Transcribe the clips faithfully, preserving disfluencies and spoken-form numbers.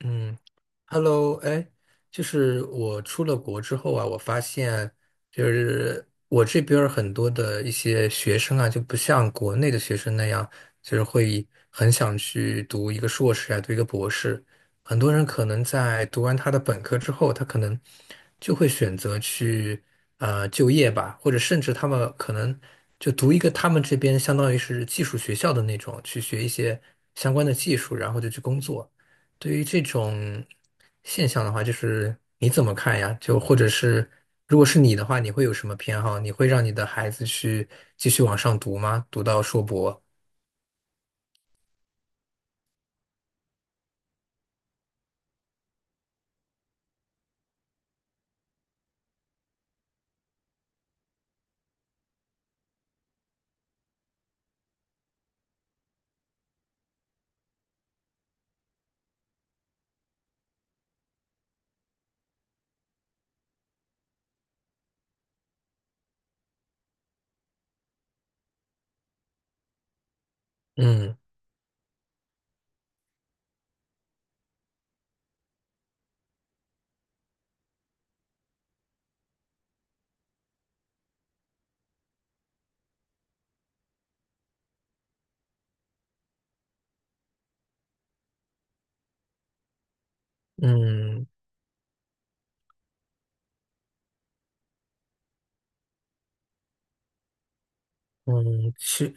嗯，Hello，哎，就是我出了国之后啊，我发现就是我这边儿很多的一些学生啊，就不像国内的学生那样，就是会很想去读一个硕士啊，读一个博士。很多人可能在读完他的本科之后，他可能就会选择去呃就业吧，或者甚至他们可能就读一个他们这边相当于是技术学校的那种，去学一些相关的技术，然后就去工作。对于这种现象的话，就是你怎么看呀？就或者是，如果是你的话，你会有什么偏好？你会让你的孩子去继续往上读吗？读到硕博？嗯嗯嗯，是。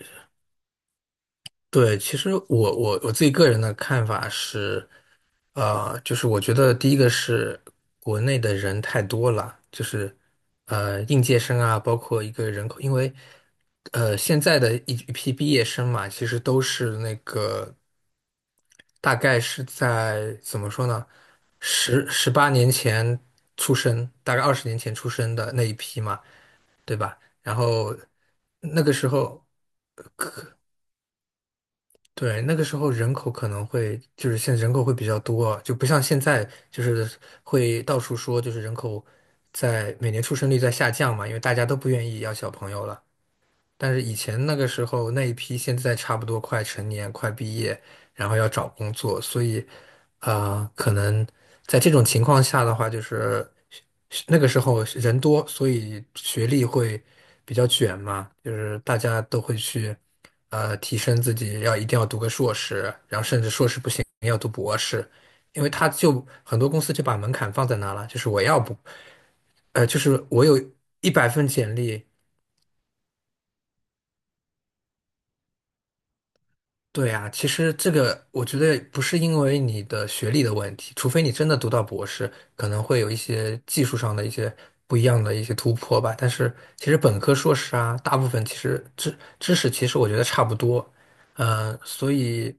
对，其实我我我自己个人的看法是，呃，就是我觉得第一个是国内的人太多了，就是呃应届生啊，包括一个人口，因为呃现在的一一批毕业生嘛，其实都是那个大概是在怎么说呢，十十八年前出生，大概二十年前出生的那一批嘛，对吧？然后那个时候。对，那个时候人口可能会就是现在人口会比较多啊就不像现在就是会到处说就是人口在每年出生率在下降嘛，因为大家都不愿意要小朋友了。但是以前那个时候那一批，现在差不多快成年、快毕业，然后要找工作，所以，呃，可能在这种情况下的话，就是那个时候人多，所以学历会比较卷嘛，就是大家都会去，呃，提升自己，要一定要读个硕士，然后甚至硕士不行要读博士，因为他就很多公司就把门槛放在那了，就是我要不，呃，就是我有一百份简历。对啊，其实这个我觉得不是因为你的学历的问题，除非你真的读到博士，可能会有一些技术上的一些不一样的一些突破吧。但是其实本科、硕士啊，大部分其实知知识其实我觉得差不多，嗯、所以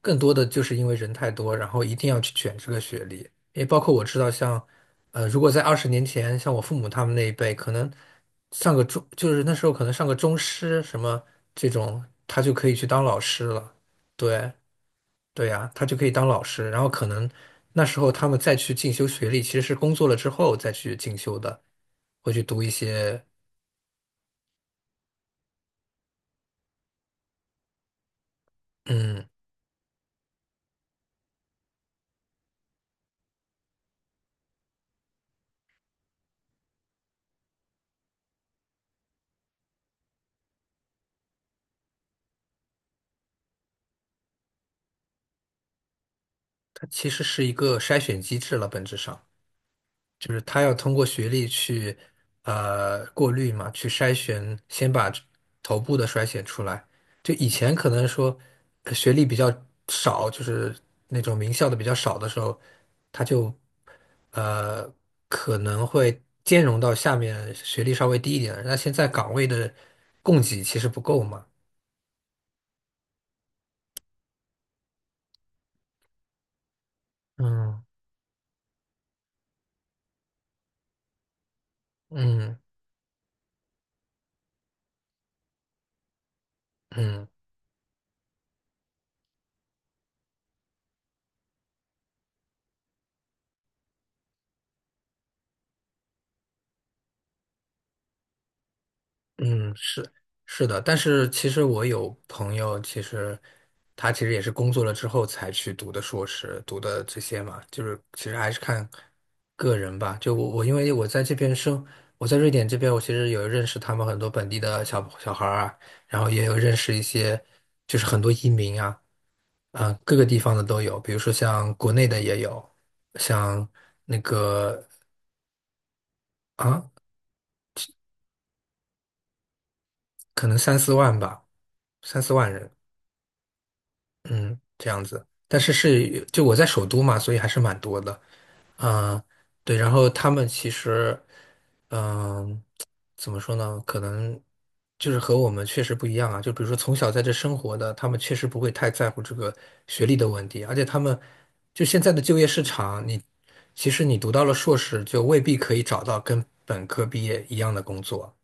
更多的就是因为人太多，然后一定要去卷这个学历。也包括我知道像，呃，如果在二十年前，像我父母他们那一辈，可能上个中，就是那时候可能上个中师什么这种，他就可以去当老师了。对，对呀，他就可以当老师。然后可能那时候他们再去进修学历，其实是工作了之后再去进修的，会去读一些，嗯，它其实是一个筛选机制了，本质上。就是他要通过学历去呃过滤嘛，去筛选，先把这头部的筛选出来。就以前可能说呃学历比较少，就是那种名校的比较少的时候，他就呃可能会兼容到下面学历稍微低一点的。那现在岗位的供给其实不够嘛，嗯嗯嗯。嗯，是是的，但是其实我有朋友，其实他其实也是工作了之后才去读的硕士，读的这些嘛，就是其实还是看个人吧。就我我因为我在这边生，我在瑞典这边，我其实有认识他们很多本地的小小孩儿啊，然后也有认识一些就是很多移民啊，啊、各个地方的都有，比如说像国内的也有，像那个啊，可能三四万吧，三四万人。嗯，这样子，但是是就我在首都嘛，所以还是蛮多的。啊、对，然后他们其实，嗯、怎么说呢？可能就是和我们确实不一样啊。就比如说从小在这生活的，他们确实不会太在乎这个学历的问题，而且他们就现在的就业市场，你其实你读到了硕士，就未必可以找到跟本科毕业一样的工作。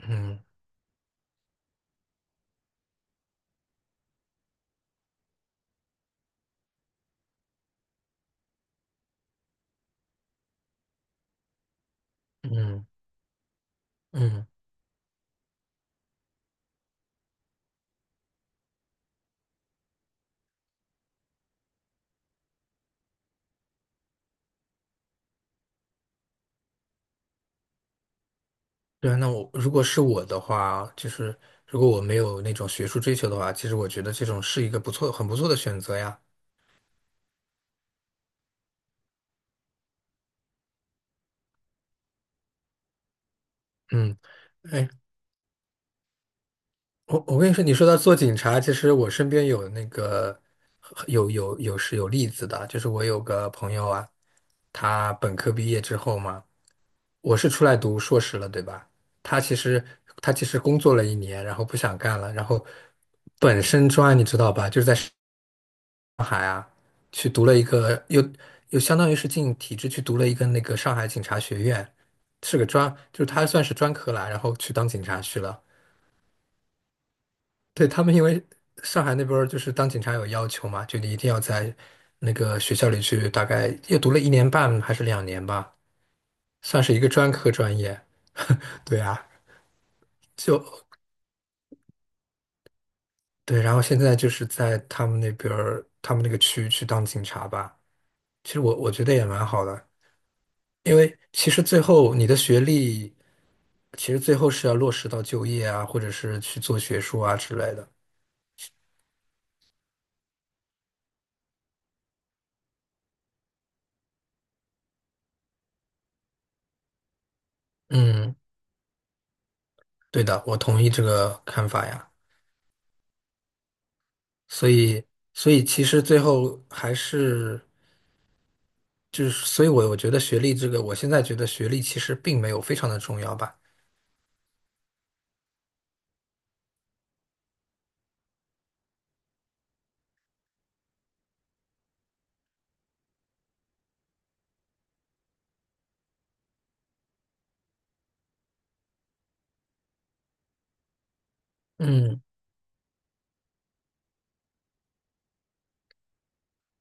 嗯嗯嗯。对啊，那我如果是我的话，就是如果我没有那种学术追求的话，其实我觉得这种是一个不错、很不错的选择呀。嗯，哎，我我跟你说，你说到做警察，其实我身边有那个有有有是有例子的，就是我有个朋友啊，他本科毕业之后嘛，我是出来读硕士了，对吧？他其实他其实工作了一年，然后不想干了，然后本身专，你知道吧，就是在。去读了一个，又又相当于是进体制去读了一个那个上海警察学院，是个专，就是他算是专科啦，然后去当警察去了。对，他们因为上海那边儿就是当警察有要求嘛，就你一定要在那个学校里去，大概又读了一年半还是两年吧，算是一个专科专业。对啊，就对，然后现在就是在他们那边儿，他们那个区去当警察吧。其实我我觉得也蛮好的，因为其实最后你的学历。其实最后是要落实到就业啊，或者是去做学术啊之类的。嗯，对的，我同意这个看法呀。所以，所以其实最后还是就是，所以我我觉得学历这个，我现在觉得学历其实并没有非常的重要吧。嗯，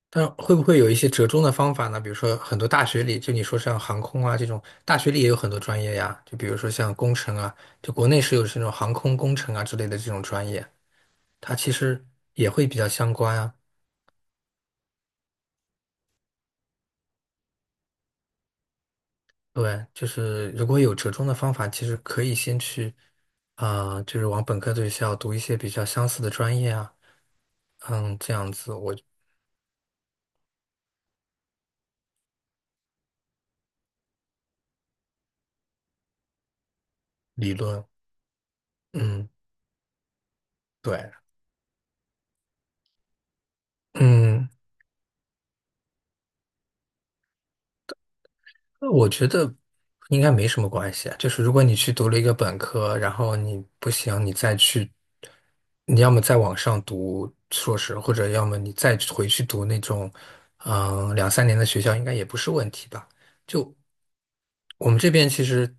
但会不会有一些折中的方法呢？比如说很多大学里，就你说像航空啊这种，大学里也有很多专业呀。就比如说像工程啊，就国内是有这种航空工程啊之类的这种专业，它其实也会比较相关啊。对，就是如果有折中的方法，其实可以先去，啊、就是往本科的学校读一些比较相似的专业啊，嗯，这样子我理论，嗯，对，嗯，我觉得应该没什么关系啊。就是如果你去读了一个本科，然后你不行，你再去，你要么再往上读硕士，或者要么你再回去读那种，嗯、两三年的学校，应该也不是问题吧？就我们这边其实。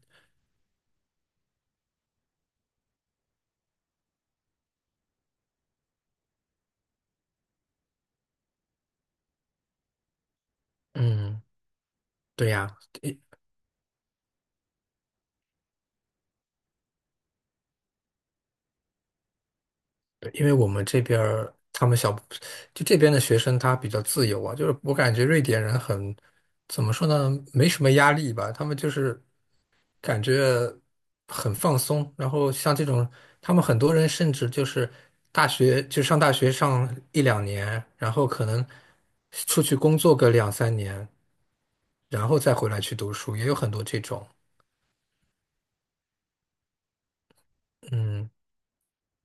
嗯，对呀，因因为我们这边儿他们小，就这边的学生他比较自由啊，就是我感觉瑞典人很，怎么说呢，没什么压力吧，他们就是感觉很放松。然后像这种，他们很多人甚至就是大学就上大学上一两年，然后可能出去工作个两三年，然后再回来去读书，也有很多这种。嗯。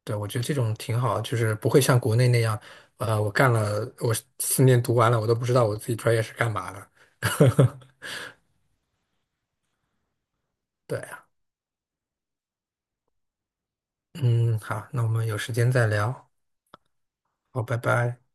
对，我觉得这种挺好，就是不会像国内那样，呃，我干了，我四年读完了，我都不知道我自己专业是干嘛的。对啊，嗯，好，那我们有时间再聊，好，拜拜。